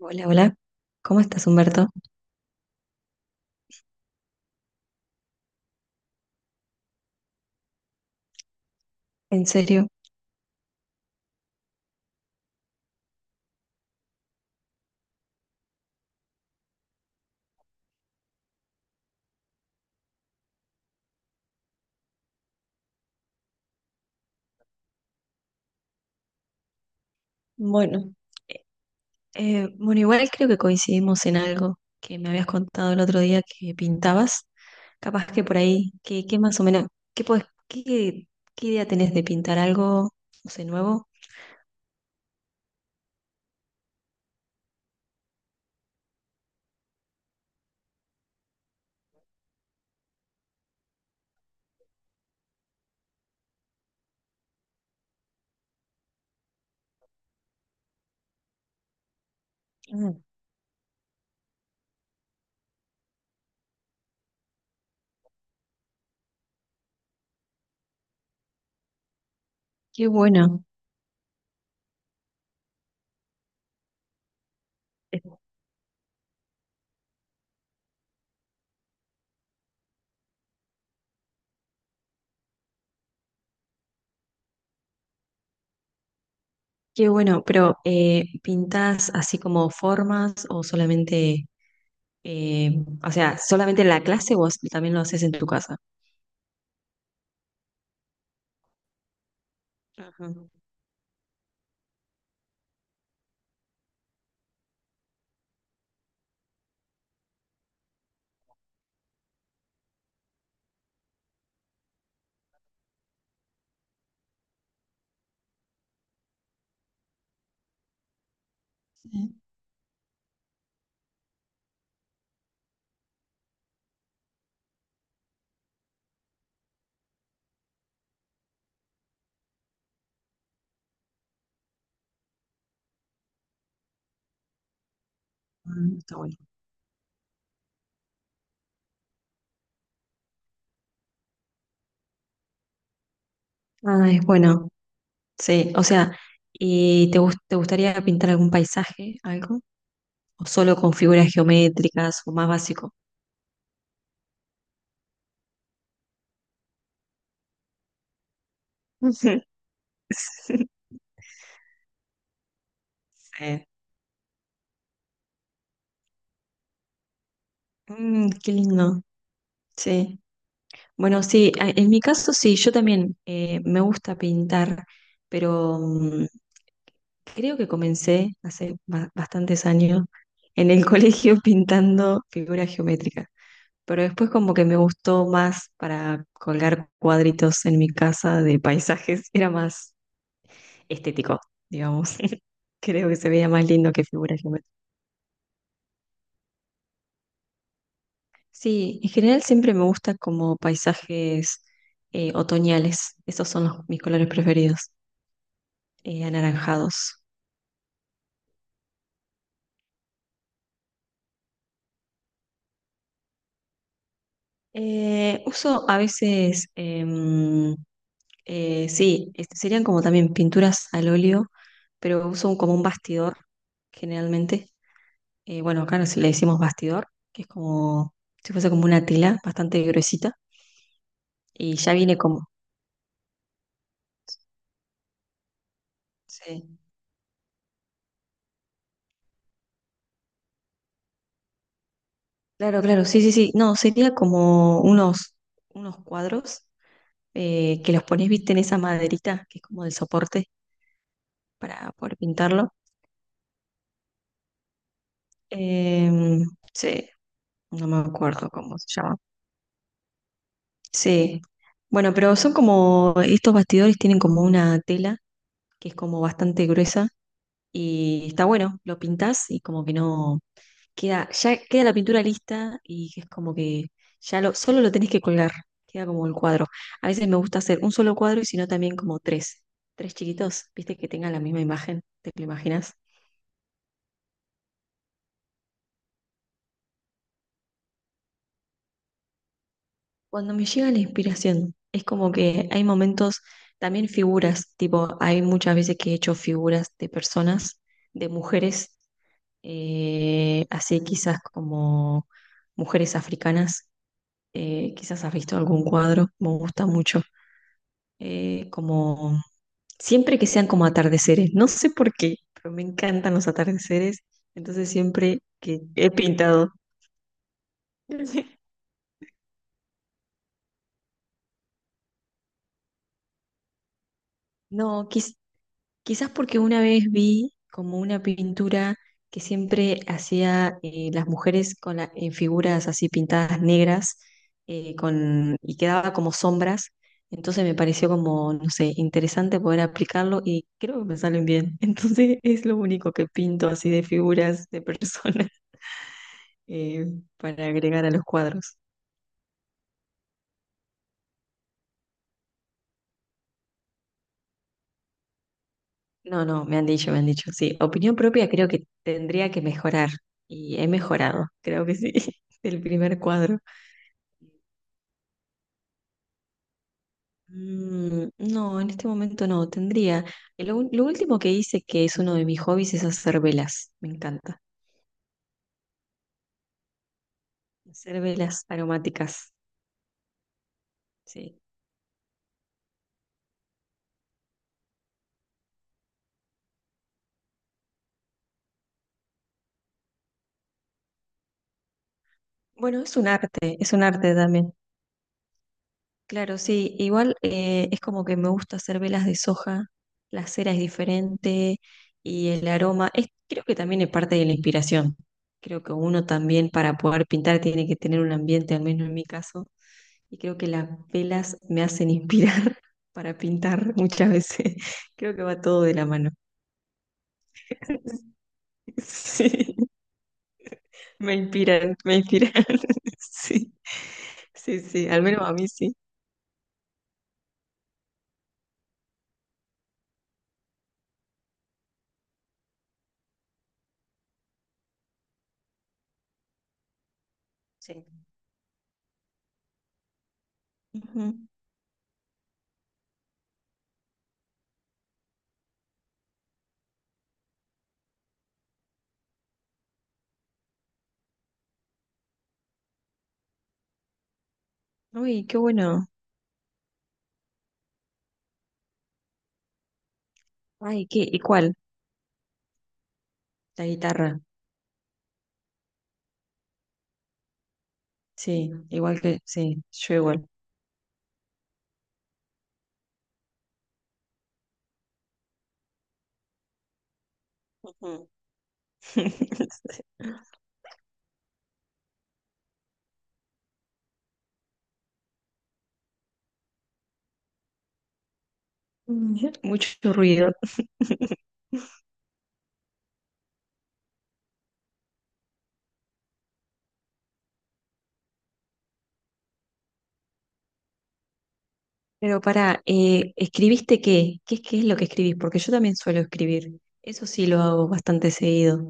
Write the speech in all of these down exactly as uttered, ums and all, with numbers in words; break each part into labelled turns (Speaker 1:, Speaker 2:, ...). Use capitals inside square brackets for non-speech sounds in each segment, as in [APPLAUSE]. Speaker 1: Hola, hola. ¿Cómo estás, Humberto? ¿En serio? Bueno, eh, bueno, igual creo que coincidimos en algo que me habías contado el otro día que pintabas. Capaz que por ahí, ¿qué, qué más o menos, qué, podés- qué, qué idea tenés de pintar algo, no sé, nuevo? Mm. Qué bueno, eh, qué bueno, pero eh, ¿pintás así como formas o solamente, eh, o sea, solamente en la clase o también lo haces en tu casa? Ajá. Sí. Mm, Está bueno. Ah, es bueno. Sí, o sea, ¿y te gus- te gustaría pintar algún paisaje, algo? ¿O solo con figuras geométricas o más básico? Ujú. [LAUGHS] Sí. Mm, qué lindo. Sí. Bueno, sí, a- en mi caso sí, yo también eh, me gusta pintar, pero mm, creo que comencé hace ba- bastantes años en el [LAUGHS] colegio pintando figuras geométricas. Pero después como que me gustó más para colgar cuadritos en mi casa de paisajes, era más estético, digamos. [LAUGHS] Creo que se veía más lindo que figura geométrica. Sí, en general siempre me gusta como paisajes eh, otoñales. Esos son los- mis colores preferidos, eh, anaranjados. Eh, uso a veces, em, eh, sí, este, serían como también pinturas al óleo, pero uso un- como un bastidor generalmente. Eh, bueno, acá nos le decimos bastidor, que es como si fuese como una tela bastante gruesita y ya viene como... Sí. Claro, claro, sí, sí, sí. No, sería como unos, unos cuadros eh, que los pones, viste, en esa maderita, que es como de soporte para poder pintarlo. Em, sí, no me acuerdo cómo se llama. Sí. Bueno, pero son como, estos bastidores tienen como una tela que es como bastante gruesa y está bueno, lo pintas y como que no, queda, ya queda la pintura lista y es como que ya lo, solo lo tenés que colgar, queda como el cuadro. A veces me gusta hacer un solo cuadro y si no también como tres, tres chiquitos, viste que tengan la misma imagen, ¿te lo imaginas? Cuando me llega la inspiración, es como que hay momentos, también figuras, tipo, hay muchas veces que he hecho figuras de personas, de mujeres, eh, así quizás como mujeres africanas, eh, quizás has visto algún cuadro, me gusta mucho. Eh, como siempre que sean como atardeceres, no sé por qué, pero me encantan los atardeceres, entonces siempre que he pintado. [LAUGHS] No, quiz- quizás porque una vez vi como una pintura que siempre hacía eh, las mujeres con la- en figuras así pintadas negras eh, con, y quedaba como sombras. Entonces me pareció como, no sé, interesante poder aplicarlo y creo que me salen bien. [LAUGHS] Entonces es lo único que pinto así de figuras de personas. eh, para agregar a los cuadros. No, no, me han dicho, me han dicho. Sí, opinión propia creo que tendría que mejorar y he mejorado, creo que sí, [LAUGHS] el primer cuadro. Mm, no, en este momento no, tendría. eh, Lo, ul- lo último que hice, que es uno de mis hobbies, es hacer velas, me encanta. Hacer velas aromáticas, sí. Bueno, es un arte, es un arte también. Claro, sí, igual eh, es como que me gusta hacer velas de soja, la cera es diferente y el aroma, es, creo que también es parte de la inspiración. Creo que uno también para poder pintar tiene que tener un ambiente, al menos en mi caso, y creo que las velas me hacen inspirar [LAUGHS] para pintar muchas veces. [LAUGHS] Creo que va todo de la mano. [LAUGHS] Sí, me inspiran, me inspiran. [LAUGHS] Sí, sí, sí, al menos a mí sí. Sí. Ujú. Uy, qué bueno. Ay, ¿qué? Igual, la guitarra. Sí, igual que, sí, yo igual. Ujú. [LAUGHS] Mucho ruido. Pero para, eh, ¿escribiste qué? ¿Qué, es- qué es lo que escribís? Porque yo también suelo escribir. Eso sí lo hago bastante seguido.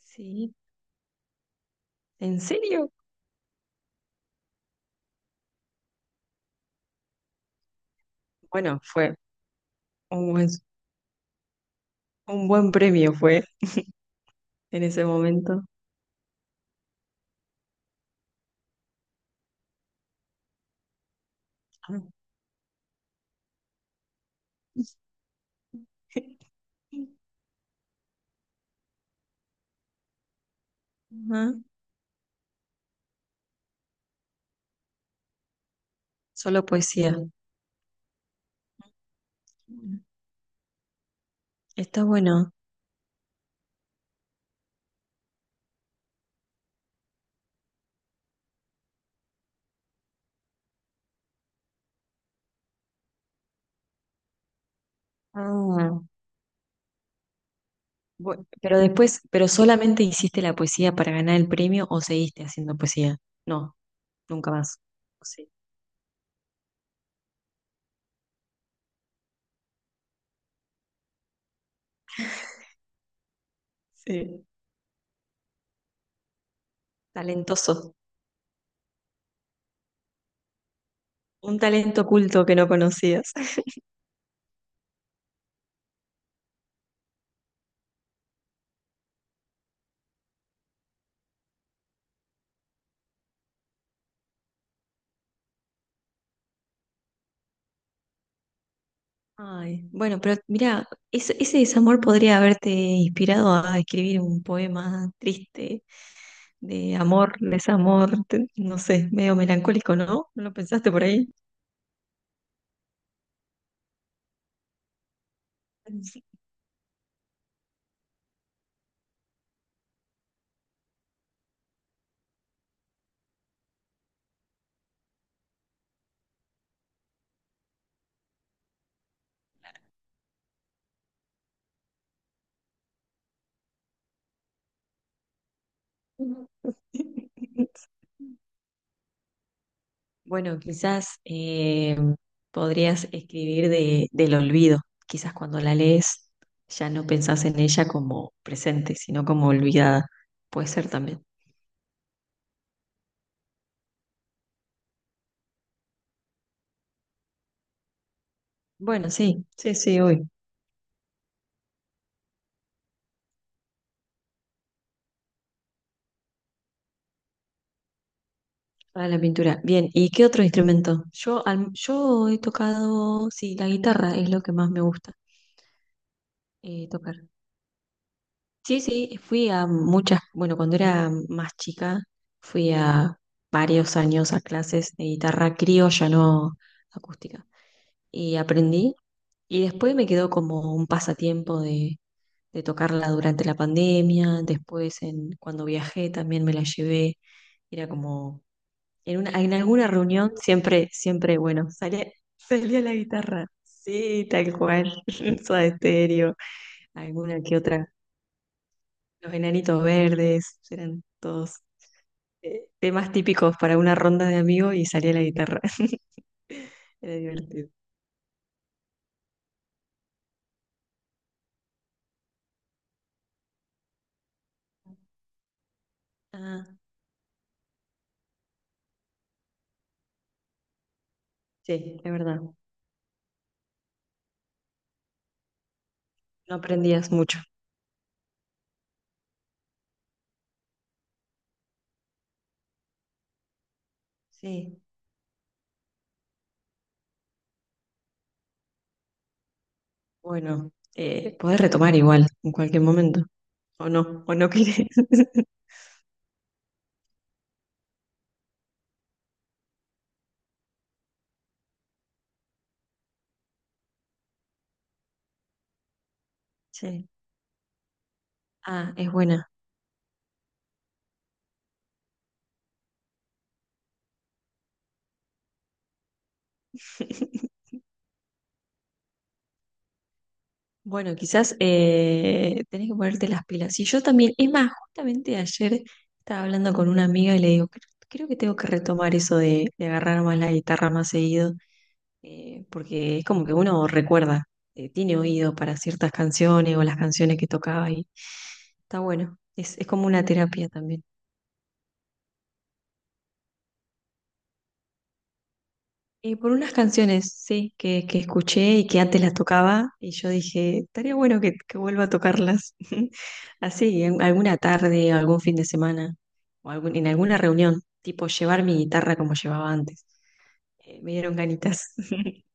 Speaker 1: Sí, ¿en serio? Bueno, fue un buen, un buen premio fue en ese momento. Ah. [LAUGHS] Ajá, solo poesía. Está bueno. Ah, Bu- pero después, ¿pero solamente hiciste la poesía para ganar el premio o seguiste haciendo poesía? No, nunca más. Sí. Sí. Talentoso. Un talento oculto que no conocías. [LAUGHS] Ay, bueno, pero mira, ese, ese desamor podría haberte inspirado a escribir un poema triste de amor, desamor, te- no sé, medio melancólico, ¿no? ¿No lo pensaste por ahí? [LAUGHS] Bueno, quizás eh, podrías escribir de, del olvido. Quizás cuando la lees ya no pensás en ella como presente, sino como olvidada. Puede ser también. Bueno, sí, sí, sí, hoy. Para la pintura. Bien, ¿y qué otro instrumento? Yo, al- yo he tocado, sí, la guitarra es lo que más me gusta eh, tocar. Sí, sí, fui a muchas, bueno, cuando era más chica, fui a varios años a clases de guitarra criolla, no acústica. Y aprendí. Y después me quedó como un pasatiempo de, de tocarla durante la pandemia, después en, cuando viajé también me la llevé, era como, en una, en alguna reunión siempre, siempre, bueno, salía, [LAUGHS] salía la guitarra, sí, tal cual, [LAUGHS] Soda Estéreo, alguna que otra, Los Enanitos Verdes, eran todos eh, temas típicos para una ronda de amigos y salía la guitarra, [LAUGHS] era divertido. Ah, sí, es verdad. No aprendías mucho. Sí. Bueno, eh, Pe- retomar igual en cualquier momento. O no, o no quieres. [LAUGHS] Sí. Ah, es buena. [LAUGHS] Bueno, quizás eh, tenés que ponerte las pilas. Y yo también, es más, justamente ayer estaba hablando con una amiga y le digo, creo, creo que tengo que retomar eso de, de agarrar más la guitarra más seguido, eh, porque es como que uno recuerda, eh, tiene oído para ciertas canciones o las canciones que tocaba y está bueno. Es, es como una terapia también. Eh, por unas canciones, sí, que, que escuché y que antes las tocaba, y yo dije, estaría bueno que, que vuelva a tocarlas. [LAUGHS] Así, en alguna tarde, algún fin de semana, o algún- en alguna reunión, tipo llevar mi guitarra como llevaba antes. Eh, me dieron ganitas. [LAUGHS]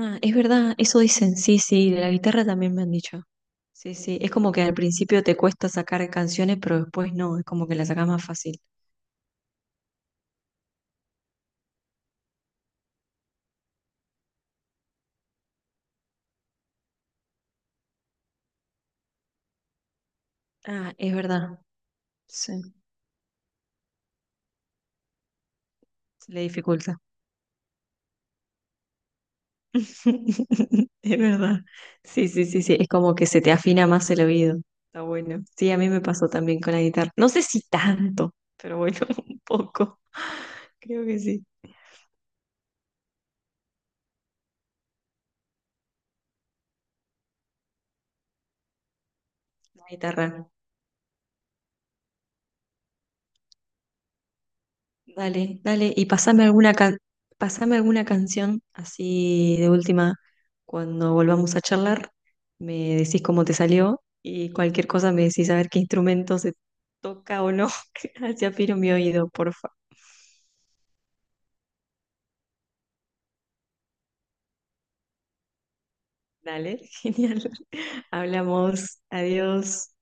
Speaker 1: Ah, es verdad, eso dicen, sí, sí, de la guitarra también me han dicho. Sí, sí, es como que al principio te cuesta sacar canciones, pero después no, es como que las sacas más fácil. Ah, es verdad, sí, se le dificulta. [LAUGHS] Es verdad. Sí, sí, sí, sí. Es como que se te afina más el oído. Está bueno. Sí, a mí me pasó también con la guitarra. No sé si tanto, pero bueno, [LAUGHS] un poco. Creo que sí. La guitarra. Dale, dale. Y pasame alguna can- pasame alguna canción así de última cuando volvamos a charlar. Me decís cómo te salió y cualquier cosa me decís a ver qué instrumento se toca o no. [LAUGHS] Así afino mi oído, por favor. Dale, [LAUGHS] genial. Hablamos. Adiós.